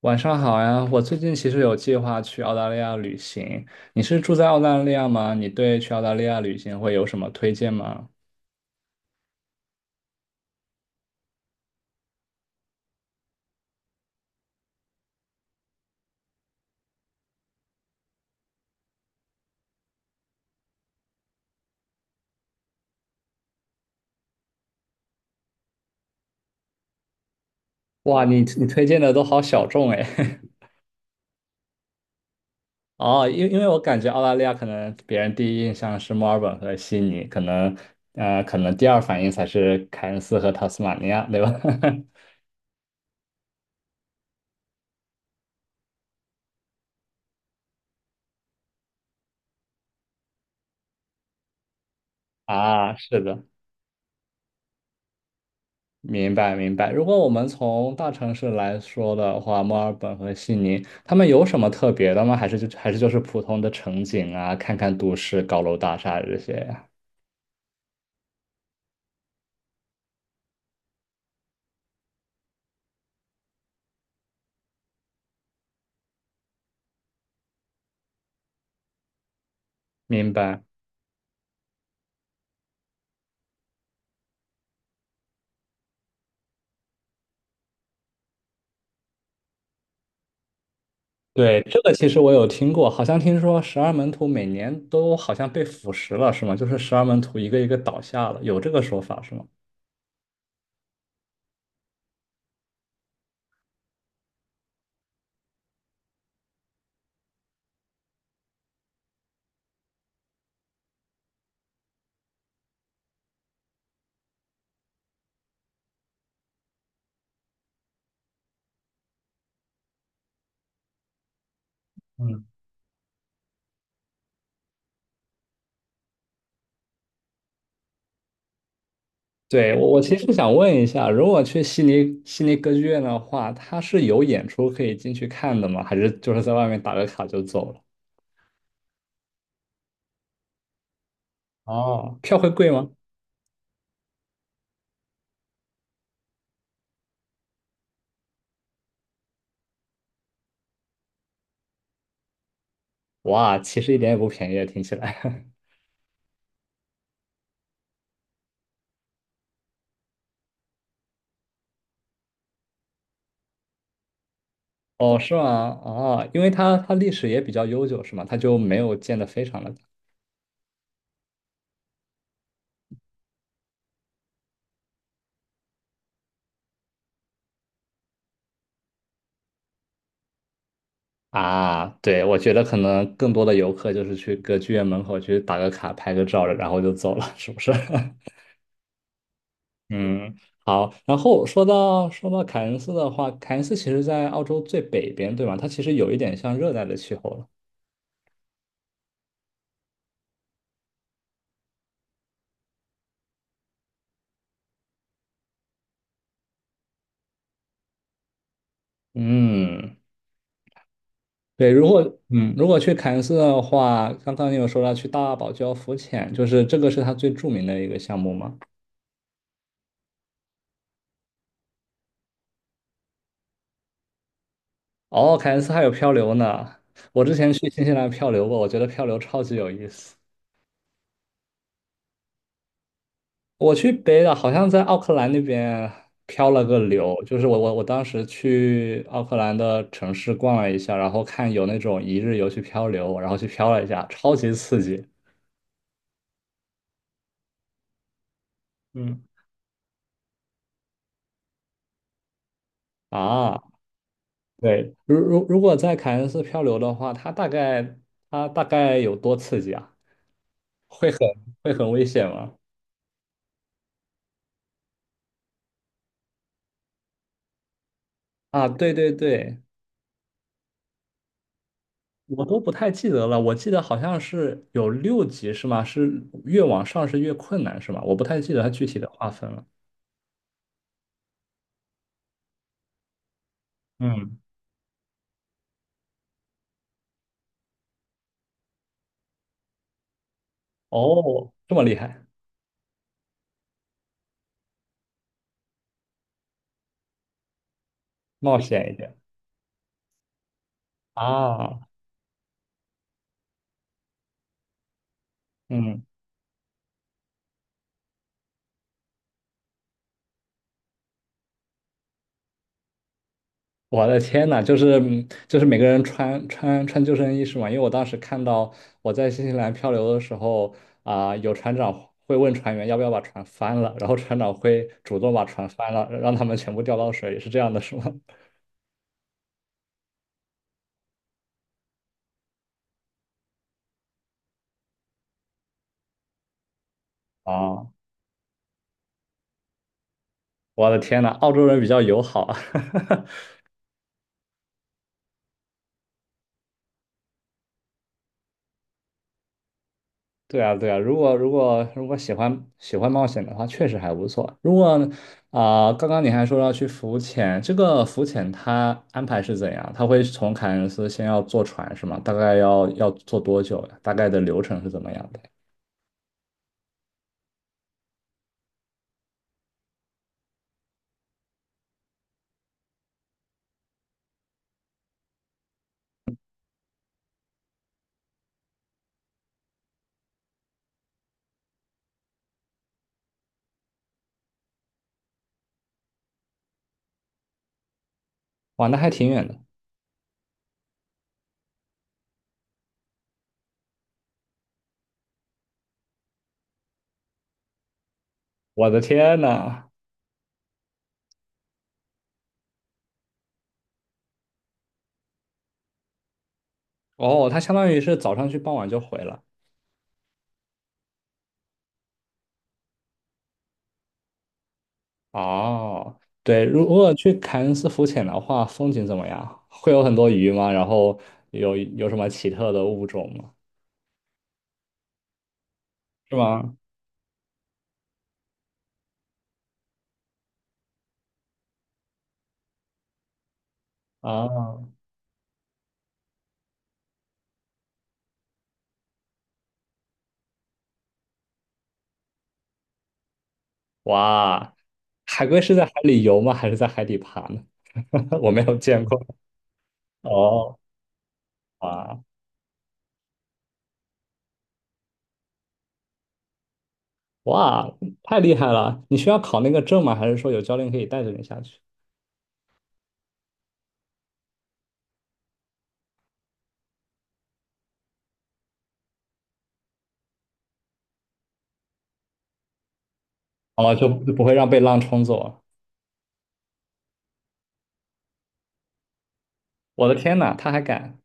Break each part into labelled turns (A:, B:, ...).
A: 晚上好呀，我最近其实有计划去澳大利亚旅行。你是住在澳大利亚吗？你对去澳大利亚旅行会有什么推荐吗？哇，你推荐的都好小众哎。哦，因为我感觉澳大利亚可能别人第一印象是墨尔本和悉尼，可能第二反应才是凯恩斯和塔斯马尼亚，对吧？啊，是的。明白明白。如果我们从大城市来说的话，墨尔本和悉尼，他们有什么特别的吗？还是就还是就是普通的城景啊，看看都市高楼大厦这些呀？明白。对，这个其实我有听过，好像听说十二门徒每年都好像被腐蚀了，是吗？就是十二门徒一个一个倒下了，有这个说法是吗？嗯。对，我其实想问一下，如果去悉尼歌剧院的话，它是有演出可以进去看的吗？还是就是在外面打个卡就走了？哦，票会贵吗？哇，其实一点也不便宜啊，听起来。哦，是吗？哦，因为它历史也比较悠久，是吗？它就没有建的非常的大啊。对，我觉得可能更多的游客就是去歌剧院门口去打个卡、拍个照，然后就走了，是不是？嗯，好。然后说到凯恩斯的话，凯恩斯其实在澳洲最北边，对吧？它其实有一点像热带的气候了。嗯。对，如果去凯恩斯的话，刚刚你有说到去大堡礁浮潜，就是这个是它最著名的一个项目吗？哦，凯恩斯还有漂流呢。我之前去新西兰漂流过，我觉得漂流超级有意思。我去北岛，好像在奥克兰那边漂了个流，就是我当时去奥克兰的城市逛了一下，然后看有那种一日游去漂流，然后去漂了一下，超级刺激。嗯，啊。对，如果在凯恩斯漂流的话，它大概有多刺激啊？会很会很危险吗？啊，对对对，我都不太记得了，我记得好像是有六级是吗？是越往上是越困难是吗？我不太记得它具体的划分了。嗯，哦，这么厉害，冒险一点啊，嗯。我的天呐，就是每个人穿救生衣是吗？因为我当时看到我在新西兰漂流的时候有船长会问船员要不要把船翻了，然后船长会主动把船翻了，让他们全部掉到水里，是这样的，是吗？啊，我的天呐，澳洲人比较友好啊。对啊，对啊，如果喜欢冒险的话，确实还不错。如果啊、刚刚你还说要去浮潜，这个浮潜它安排是怎样？它会从凯恩斯先要坐船是吗？大概要坐多久呀？大概的流程是怎么样的？哇，那还挺远的。我的天呐！哦，它相当于是早上去，傍晚就回了。哦，对，如果去凯恩斯浮潜的话，风景怎么样？会有很多鱼吗？然后有什么奇特的物种吗？是吗？啊，哇，海龟是在海里游吗？还是在海底爬呢？我没有见过。哦，哇哇，太厉害了！你需要考那个证吗？还是说有教练可以带着你下去？哦，就不会让被浪冲走啊。我的天呐，他还敢！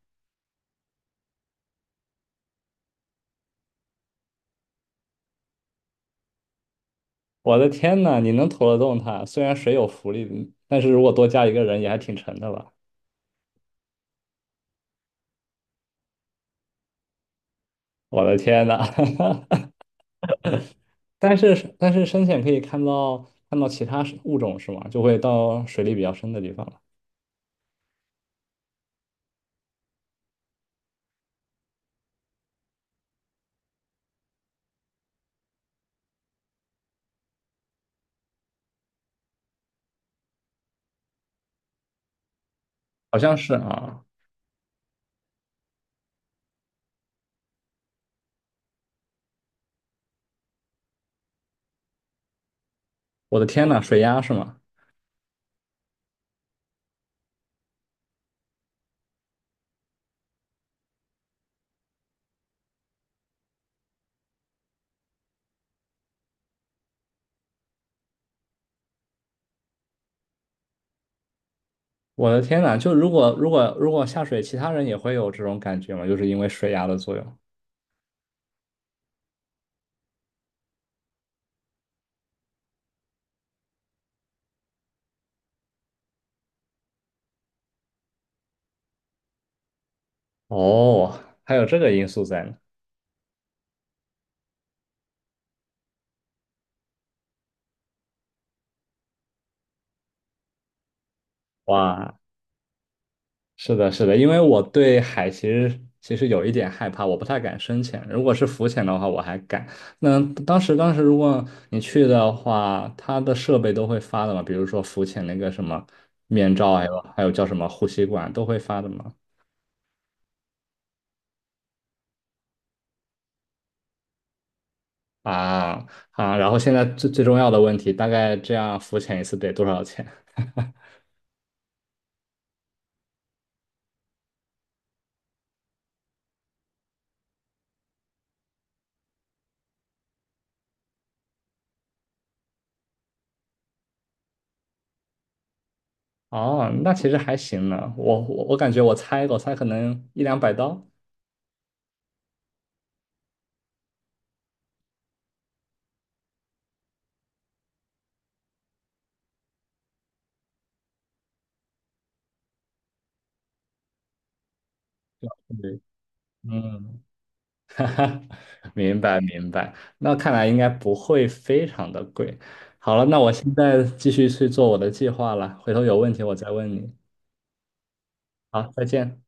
A: 我的天呐，你能拖得动他？虽然水有浮力，但是如果多加一个人也还挺沉的吧？我的天呐！但是深潜可以看到其他物种是吗？就会到水里比较深的地方了。好像是啊。我的天呐，水压是吗？我的天呐，就如果下水，其他人也会有这种感觉吗？就是因为水压的作用。哦，还有这个因素在呢。哇，是的，是的，因为我对海其实有一点害怕，我不太敢深潜。如果是浮潜的话，我还敢。那当时如果你去的话，它的设备都会发的嘛，比如说浮潜那个什么面罩，还有叫什么呼吸管都会发的嘛。啊啊，然后现在最重要的问题，大概这样浮潜一次得多少钱？哦，那其实还行呢，我感觉我猜可能100到200刀。对，嗯，哈哈，明白明白，那看来应该不会非常的贵。好了，那我现在继续去做我的计划了，回头有问题我再问你。好，再见。